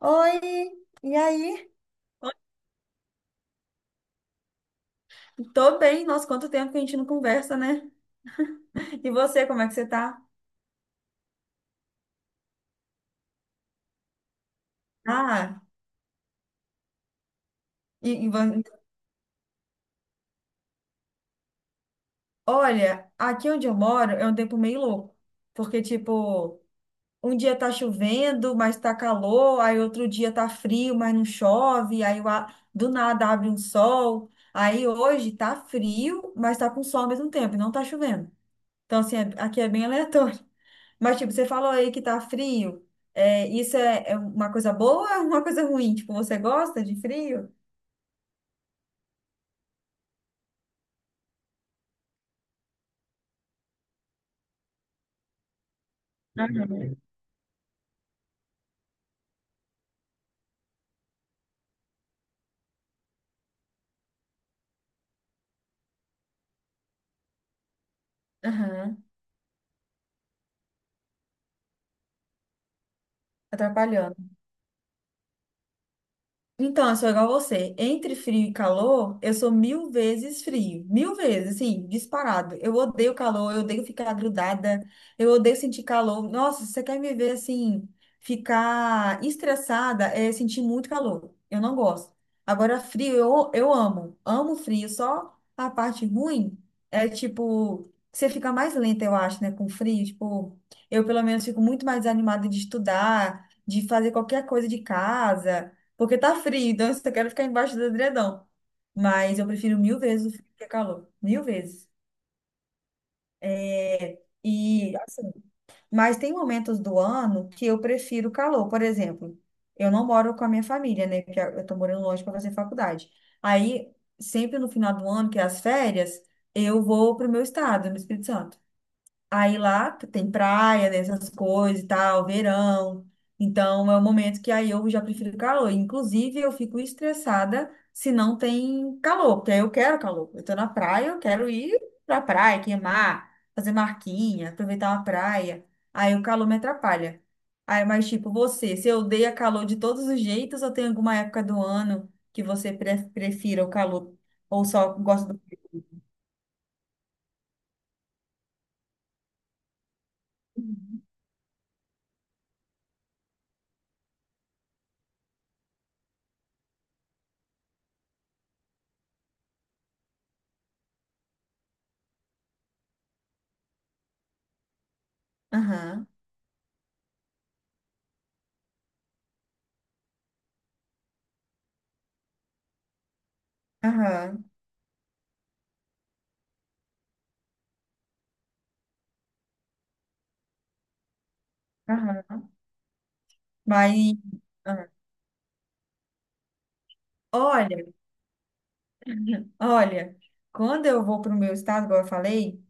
Oi, e aí? Tô bem, nossa, quanto tempo que a gente não conversa, né? E você, como é que você tá? Ah, e, e van- olha, aqui onde eu moro é um tempo meio louco, porque, tipo, um dia tá chovendo, mas tá calor, aí outro dia tá frio, mas não chove, aí do nada abre um sol, aí hoje tá frio, mas tá com sol ao mesmo tempo, e não tá chovendo. Então, assim, aqui é bem aleatório. Mas, tipo, você falou aí que tá frio. É, isso é, é uma coisa boa ou é uma coisa ruim? Tipo, você gosta de frio? Aham. Aham. Atrapalhando. Então, eu sou igual a você. Entre frio e calor, eu sou mil vezes frio. Mil vezes, assim, disparado. Eu odeio calor, eu odeio ficar grudada, eu odeio sentir calor. Nossa, se você quer me ver assim, ficar estressada, é sentir muito calor. Eu não gosto. Agora, frio, eu amo. Amo frio. Só a parte ruim é, tipo, você fica mais lenta, eu acho, né, com frio. Tipo, eu pelo menos fico muito mais animada de estudar, de fazer qualquer coisa de casa. Porque tá frio, então eu só quero ficar embaixo do edredom. Mas eu prefiro mil vezes o frio que é calor. Mil vezes. É, e assim, mas tem momentos do ano que eu prefiro calor. Por exemplo, eu não moro com a minha família, né? Porque eu tô morando longe para fazer faculdade. Aí, sempre no final do ano, que é as férias, eu vou pro meu estado, no Espírito Santo. Aí lá tem praia, né, essas coisas e tal, verão. Então é o momento que aí eu já prefiro calor. Inclusive, eu fico estressada se não tem calor, porque aí eu quero calor. Eu tô na praia, eu quero ir pra praia, queimar, fazer marquinha, aproveitar uma praia. Aí o calor me atrapalha. Aí, mas tipo, você, se odeia calor de todos os jeitos, ou tem alguma época do ano que você prefira o calor? Ou só gosta do frio? Aham, aham, aham. Mas ah, olha, olha, quando eu vou para o meu estado, igual eu falei,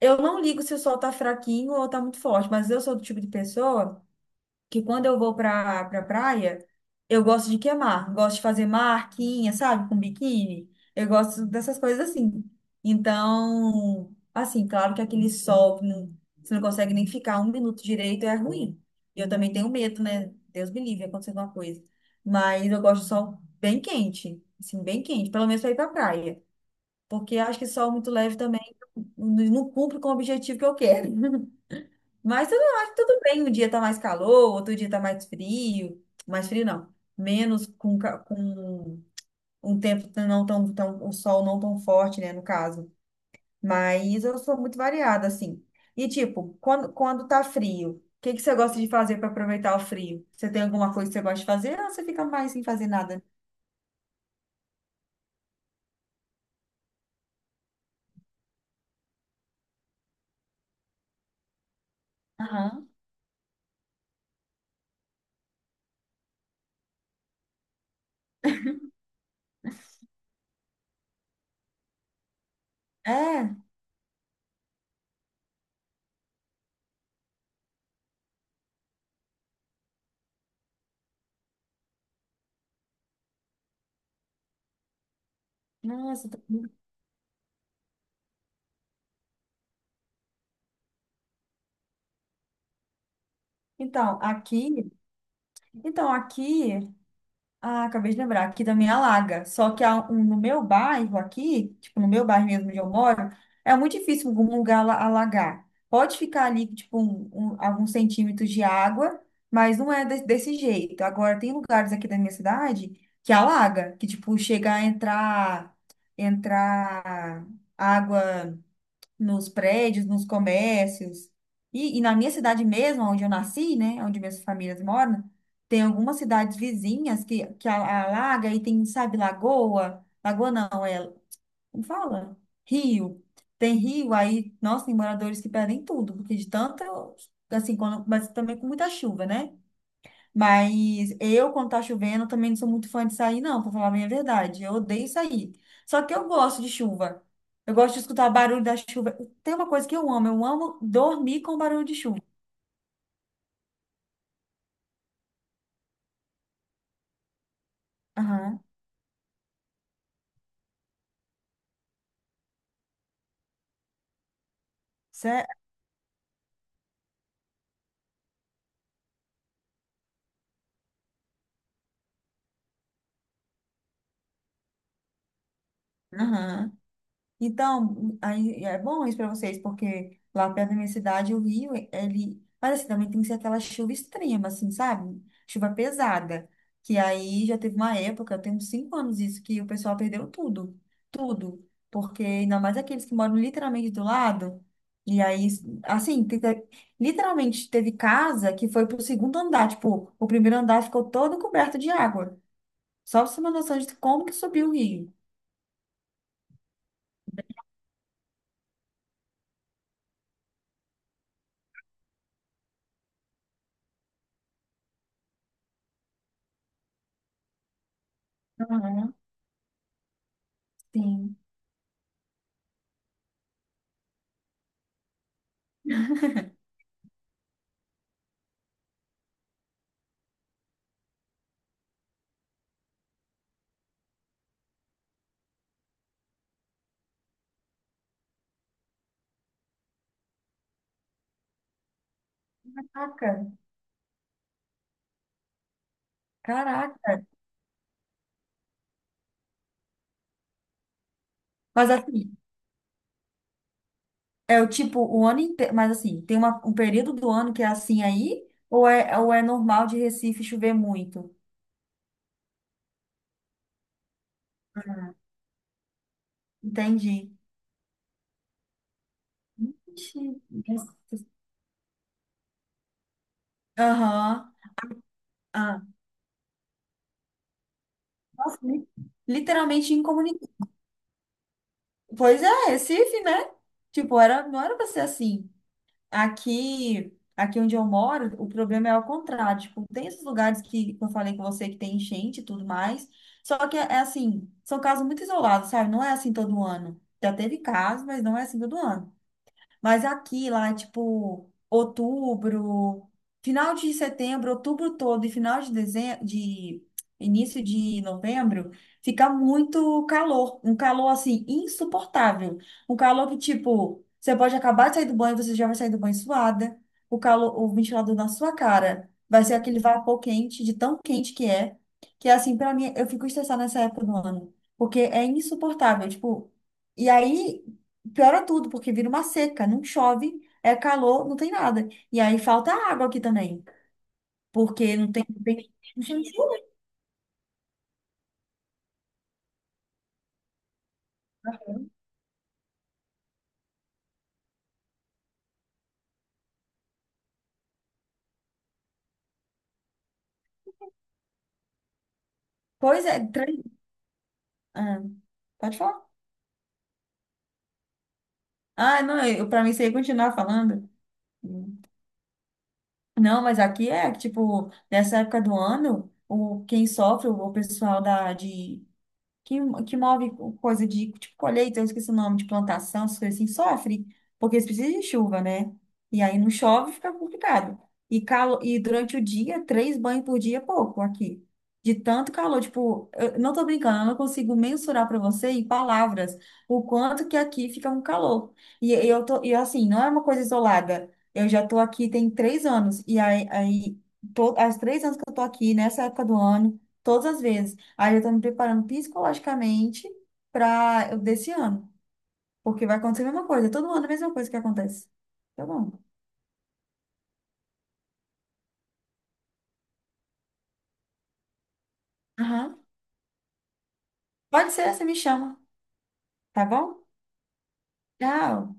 eu não ligo se o sol tá fraquinho ou tá muito forte, mas eu sou do tipo de pessoa que quando eu vou pra praia, eu gosto de queimar. Gosto de fazer marquinha, sabe? Com biquíni. Eu gosto dessas coisas assim. Então, assim, claro que aquele sol, que não, você não consegue nem ficar um minuto direito, é ruim. E eu também tenho medo, né? Deus me livre, acontecer alguma coisa. Mas eu gosto de sol bem quente, assim, bem quente, pelo menos pra ir pra praia. Porque acho que sol muito leve também não cumpre com o objetivo que eu quero. Mas eu acho que tudo bem. Um dia tá mais calor, outro dia tá mais frio. Mais frio não. Menos com, com um tempo não tão, o sol não tão forte, né, no caso. Mas eu sou muito variada, assim. E tipo, quando tá frio, o que que você gosta de fazer para aproveitar o frio? Você tem alguma coisa que você gosta de fazer ou você fica mais sem fazer nada? Aham. É? Nossa, tá- então, aqui, então aqui ah, acabei de lembrar, aqui também alaga. Só que no meu bairro aqui, tipo, no meu bairro mesmo onde eu moro, é muito difícil algum lugar alagar. Pode ficar ali, tipo, alguns centímetros de água, mas não é desse jeito. Agora, tem lugares aqui da minha cidade que alaga, que, tipo, chega a entrar, entrar água nos prédios, nos comércios. E na minha cidade mesmo, onde eu nasci, né, onde minhas famílias moram, tem algumas cidades vizinhas que alaga e tem, sabe, lagoa. Lagoa não, é, como fala? Rio. Tem rio, aí, nossa, tem moradores que perdem tudo, porque de tanto, assim, quando, mas também com muita chuva, né? Mas eu, quando tá chovendo, também não sou muito fã de sair, não, pra falar bem a verdade. Eu odeio sair. Só que eu gosto de chuva. Eu gosto de escutar barulho da chuva. Tem uma coisa que eu amo dormir com barulho de chuva. Aham. Sério? Então, aí é bom isso para vocês, porque lá perto da minha cidade, o rio, ele. Mas assim, também tem que ser aquela chuva extrema, assim, sabe? Chuva pesada. Que aí já teve uma época, eu tenho uns 5 anos isso, que o pessoal perdeu tudo. Tudo. Porque ainda mais aqueles que moram literalmente do lado. E aí, assim, literalmente teve casa que foi pro segundo andar. Tipo, o primeiro andar ficou todo coberto de água. Só pra você ter uma noção de como que subiu o rio. Aham, sim. Caraca. Caraca. Mas assim, é o tipo, o ano inteiro. Mas assim, tem uma, um período do ano que é assim aí? Ou é normal de Recife chover muito? Entendi. Ixi, nossa. Aham. Ah, nossa, literalmente incomunicável. Pois é, Recife, né? Tipo, era, não era pra ser assim. Aqui, onde eu moro, o problema é ao contrário. Tipo, tem esses lugares que eu falei com você que tem enchente e tudo mais. Só que é assim, são casos muito isolados, sabe? Não é assim todo ano. Já teve casos, mas não é assim todo ano. Mas aqui, lá, é tipo, outubro, final de setembro, outubro todo e final de dezembro, de início de novembro, fica muito calor. Um calor, assim, insuportável. Um calor que, tipo, você pode acabar de sair do banho, você já vai sair do banho suada. O calor, o ventilador na sua cara vai ser aquele vapor quente, de tão quente que é. Que, assim, pra mim, eu fico estressada nessa época do ano. Porque é insuportável, tipo... E aí, piora tudo, porque vira uma seca, não chove, é calor, não tem nada. E aí falta água aqui também, porque não tem, não tem chuva. Pois é, ah, pode falar. Ah, não, eu, pra mim você ia continuar falando. Hum. Não, mas aqui é, tipo, nessa época do ano, o, quem sofre, o pessoal da, de, que, que move coisa de tipo colheita, eu esqueci o nome, de plantação, essas coisas assim, sofre, porque eles precisam de chuva, né? E aí não chove, fica complicado. E, calo, e durante o dia, 3 banhos por dia é pouco aqui. De tanto calor, tipo, eu não tô brincando, eu não consigo mensurar para você em palavras o quanto que aqui fica um calor. E eu tô, e assim, não é uma coisa isolada. Eu já tô aqui tem 3 anos, as 3 anos que eu tô aqui, nessa época do ano, todas as vezes. Aí eu tô me preparando psicologicamente para desse ano, porque vai acontecer a mesma coisa, todo ano a mesma coisa que acontece. Tá bom? Aham. Pode ser, você me chama, tá bom? Tchau.